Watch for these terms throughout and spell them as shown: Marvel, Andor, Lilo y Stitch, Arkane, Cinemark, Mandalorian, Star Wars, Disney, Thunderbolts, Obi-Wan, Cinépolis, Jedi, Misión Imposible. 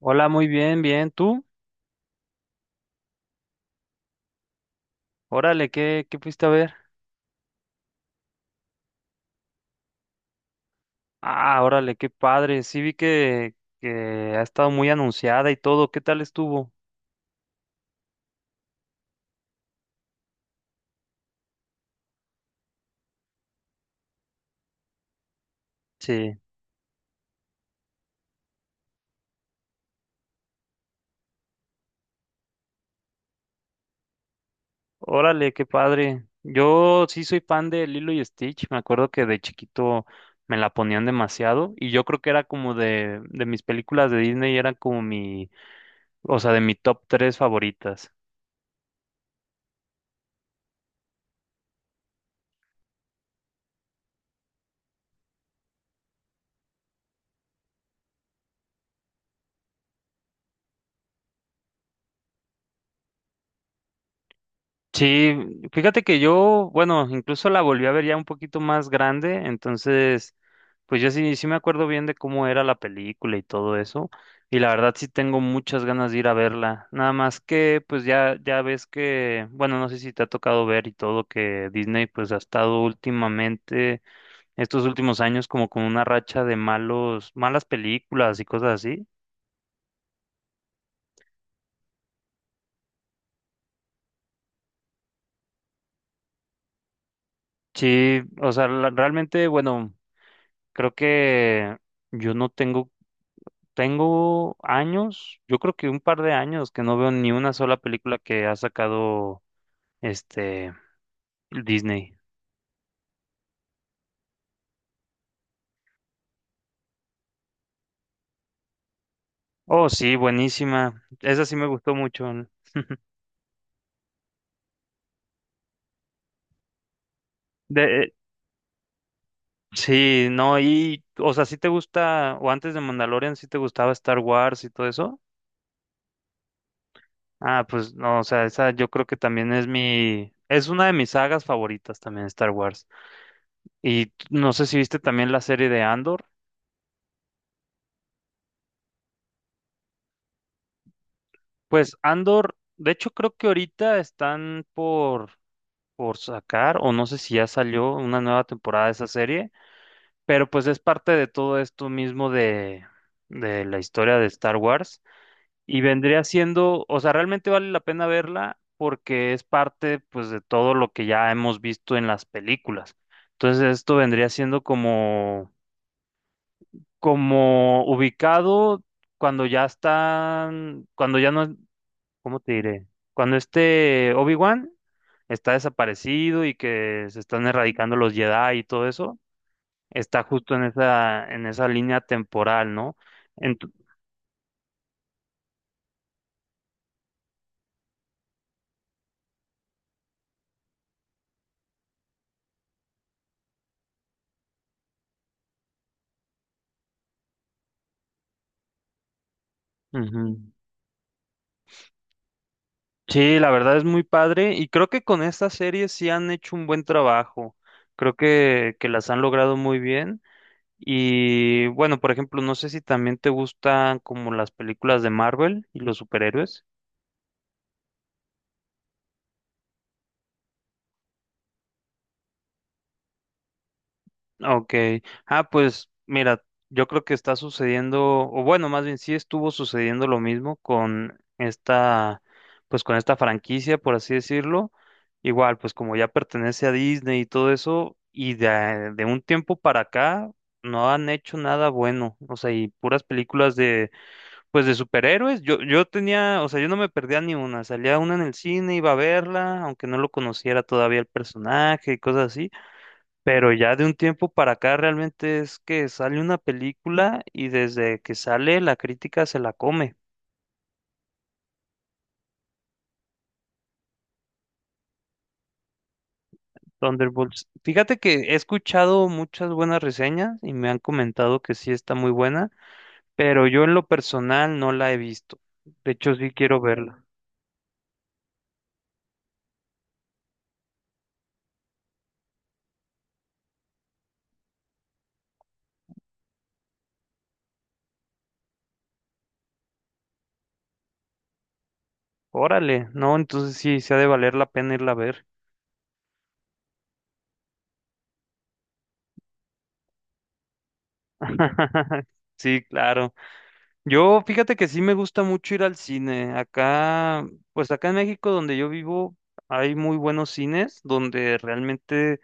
Hola, muy bien, bien. ¿Tú? Órale, ¿qué fuiste a ver? Ah, órale, qué padre. Sí vi que ha estado muy anunciada y todo. ¿Qué tal estuvo? Sí. Órale, qué padre. Yo sí soy fan de Lilo y Stitch. Me acuerdo que de chiquito me la ponían demasiado y yo creo que era como de mis películas de Disney, era como mi, o sea, de mi top tres favoritas. Sí, fíjate que yo, bueno, incluso la volví a ver ya un poquito más grande, entonces pues yo sí, sí me acuerdo bien de cómo era la película y todo eso, y la verdad sí tengo muchas ganas de ir a verla. Nada más que, pues ya, ya ves que, bueno, no sé si te ha tocado ver y todo que Disney pues ha estado últimamente, estos últimos años como con una racha de malos, malas películas y cosas así. Sí, o sea, realmente, bueno, creo que yo no tengo, tengo años, yo creo que un par de años que no veo ni una sola película que ha sacado este Disney. Oh, sí, buenísima. Esa sí me gustó mucho, ¿no? De, sí, no, y, o sea, sí te gusta, o antes de Mandalorian, sí te gustaba Star Wars y todo eso. Ah, pues no, o sea, esa yo creo que también es mi, es una de mis sagas favoritas también, Star Wars. Y no sé si viste también la serie de Andor. Pues Andor, de hecho creo que ahorita están por sacar, o no sé si ya salió una nueva temporada de esa serie. Pero pues es parte de todo esto mismo de la historia de Star Wars y vendría siendo, o sea, realmente vale la pena verla porque es parte pues de todo lo que ya hemos visto en las películas. Entonces esto vendría siendo como, como ubicado cuando ya están, cuando ya no, ¿cómo te diré? Cuando este Obi-Wan está desaparecido y que se están erradicando los Jedi y todo eso está justo en esa línea temporal, ¿no? Ent- Ujú. Sí, la verdad es muy padre y creo que con esta serie sí han hecho un buen trabajo. Creo que las han logrado muy bien. Y bueno, por ejemplo, no sé si también te gustan como las películas de Marvel y los superhéroes. Ok, pues mira, yo creo que está sucediendo, o bueno, más bien sí estuvo sucediendo lo mismo con esta, pues con esta franquicia, por así decirlo. Igual, pues como ya pertenece a Disney y todo eso, y de un tiempo para acá no han hecho nada bueno, o sea, y puras películas de, pues de superhéroes. Yo tenía, o sea, yo no me perdía ni una, salía una en el cine, iba a verla, aunque no lo conociera todavía el personaje y cosas así. Pero ya de un tiempo para acá realmente es que sale una película y desde que sale la crítica se la come. Thunderbolts. Fíjate que he escuchado muchas buenas reseñas y me han comentado que sí está muy buena, pero yo en lo personal no la he visto. De hecho, sí quiero verla. Órale, no, entonces sí, se ha de valer la pena irla a ver. Sí, claro. Yo, fíjate que sí me gusta mucho ir al cine. Acá, pues acá en México donde yo vivo, hay muy buenos cines donde realmente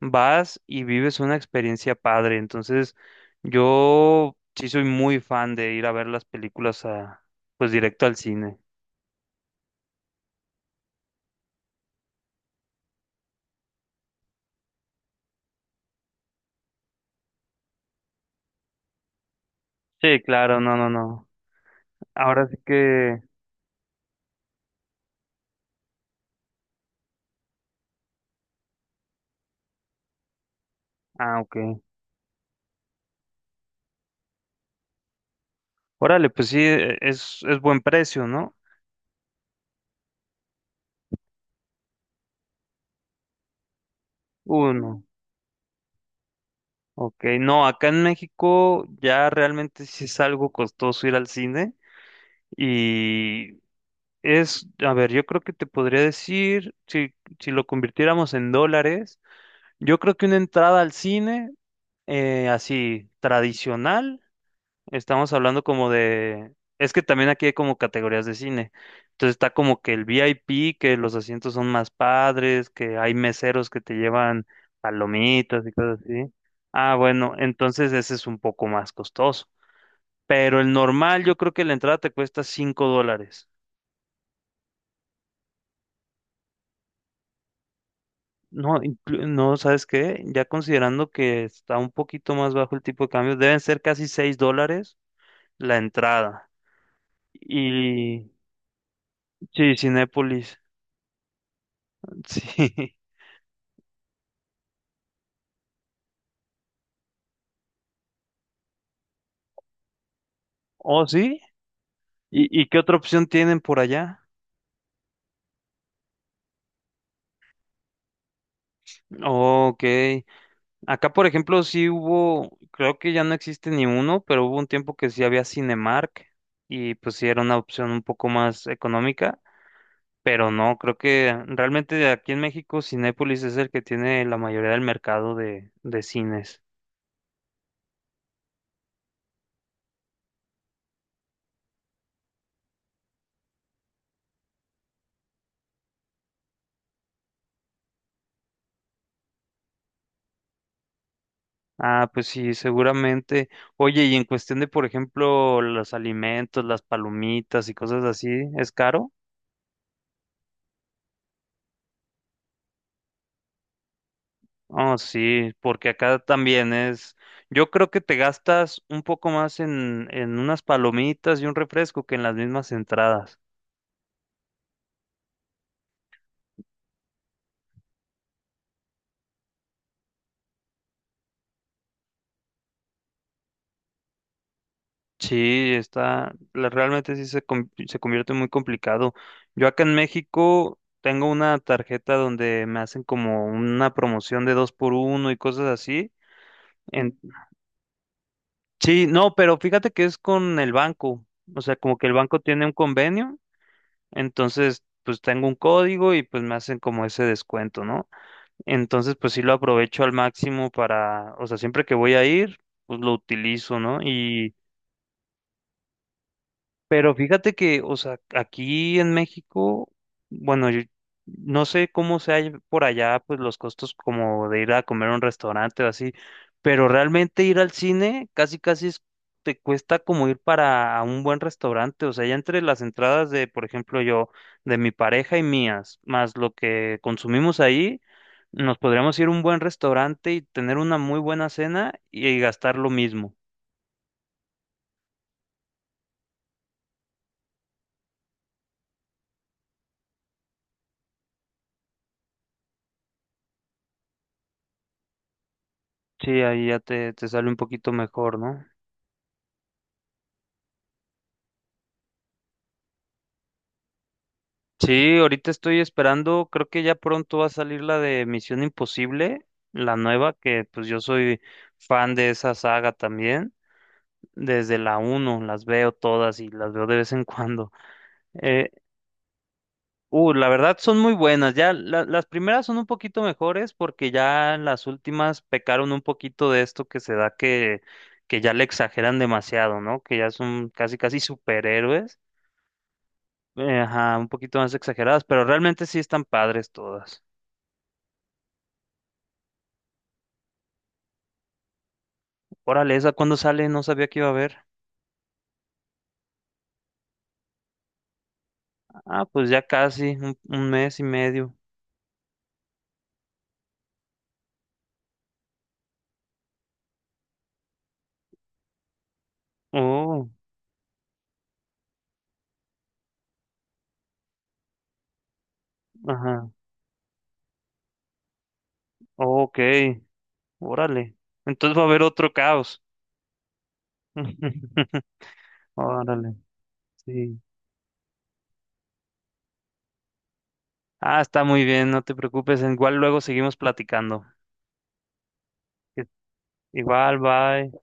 vas y vives una experiencia padre. Entonces, yo sí soy muy fan de ir a ver las películas a, pues directo al cine. Sí, claro, no, no, no. Ahora sí que, ah, ok. Órale, pues sí, es buen precio, ¿no? Uno. Ok, no, acá en México ya realmente sí es algo costoso ir al cine. Y es, a ver, yo creo que te podría decir, si, si lo convirtiéramos en dólares, yo creo que una entrada al cine, así tradicional, estamos hablando como de, es que también aquí hay como categorías de cine. Entonces está como que el VIP, que los asientos son más padres, que hay meseros que te llevan palomitas y cosas así. Ah, bueno, entonces ese es un poco más costoso. Pero el normal, yo creo que la entrada te cuesta 5 dólares. No, no, ¿sabes qué? Ya considerando que está un poquito más bajo el tipo de cambio, deben ser casi 6 dólares la entrada. Y sí, Cinépolis. Sí. ¿Oh, sí? Y qué otra opción tienen por allá? Oh, ok. Acá, por ejemplo, sí hubo, creo que ya no existe ni uno, pero hubo un tiempo que sí había Cinemark y pues sí era una opción un poco más económica. Pero no, creo que realmente aquí en México Cinépolis es el que tiene la mayoría del mercado de cines. Ah, pues sí, seguramente. Oye, y en cuestión de, por ejemplo, los alimentos, las palomitas y cosas así, ¿es caro? Oh, sí, porque acá también es. Yo creo que te gastas un poco más en unas palomitas y un refresco que en las mismas entradas. Sí, está, realmente sí se, se convierte muy complicado. Yo acá en México tengo una tarjeta donde me hacen como una promoción de dos por uno y cosas así. En, sí, no, pero fíjate que es con el banco. O sea, como que el banco tiene un convenio, entonces pues tengo un código y pues me hacen como ese descuento, ¿no? Entonces pues sí lo aprovecho al máximo para, o sea, siempre que voy a ir, pues lo utilizo, ¿no? Pero fíjate que, o sea, aquí en México, bueno, yo no sé cómo sea por allá, pues los costos como de ir a comer a un restaurante o así, pero realmente ir al cine casi casi te cuesta como ir para un buen restaurante, o sea, ya entre las entradas de, por ejemplo, yo, de mi pareja y mías, más lo que consumimos ahí, nos podríamos ir a un buen restaurante y tener una muy buena cena y gastar lo mismo. Sí, ahí ya te sale un poquito mejor, ¿no? Sí, ahorita estoy esperando, creo que ya pronto va a salir la de Misión Imposible, la nueva, que pues yo soy fan de esa saga también, desde la uno las veo todas y las veo de vez en cuando. Eh, la verdad son muy buenas, ya las primeras son un poquito mejores porque ya las últimas pecaron un poquito de esto que se da que ya le exageran demasiado, ¿no? Que ya son casi casi superhéroes, ajá, un poquito más exageradas, pero realmente sí están padres todas. Órale, ¿esa cuándo sale? No sabía que iba a haber. Ah, pues ya casi, un mes y medio. Oh, ajá. Oh, ok, órale. Entonces va a haber otro caos. Órale, sí. Ah, está muy bien, no te preocupes. Igual luego seguimos platicando. Igual, bye.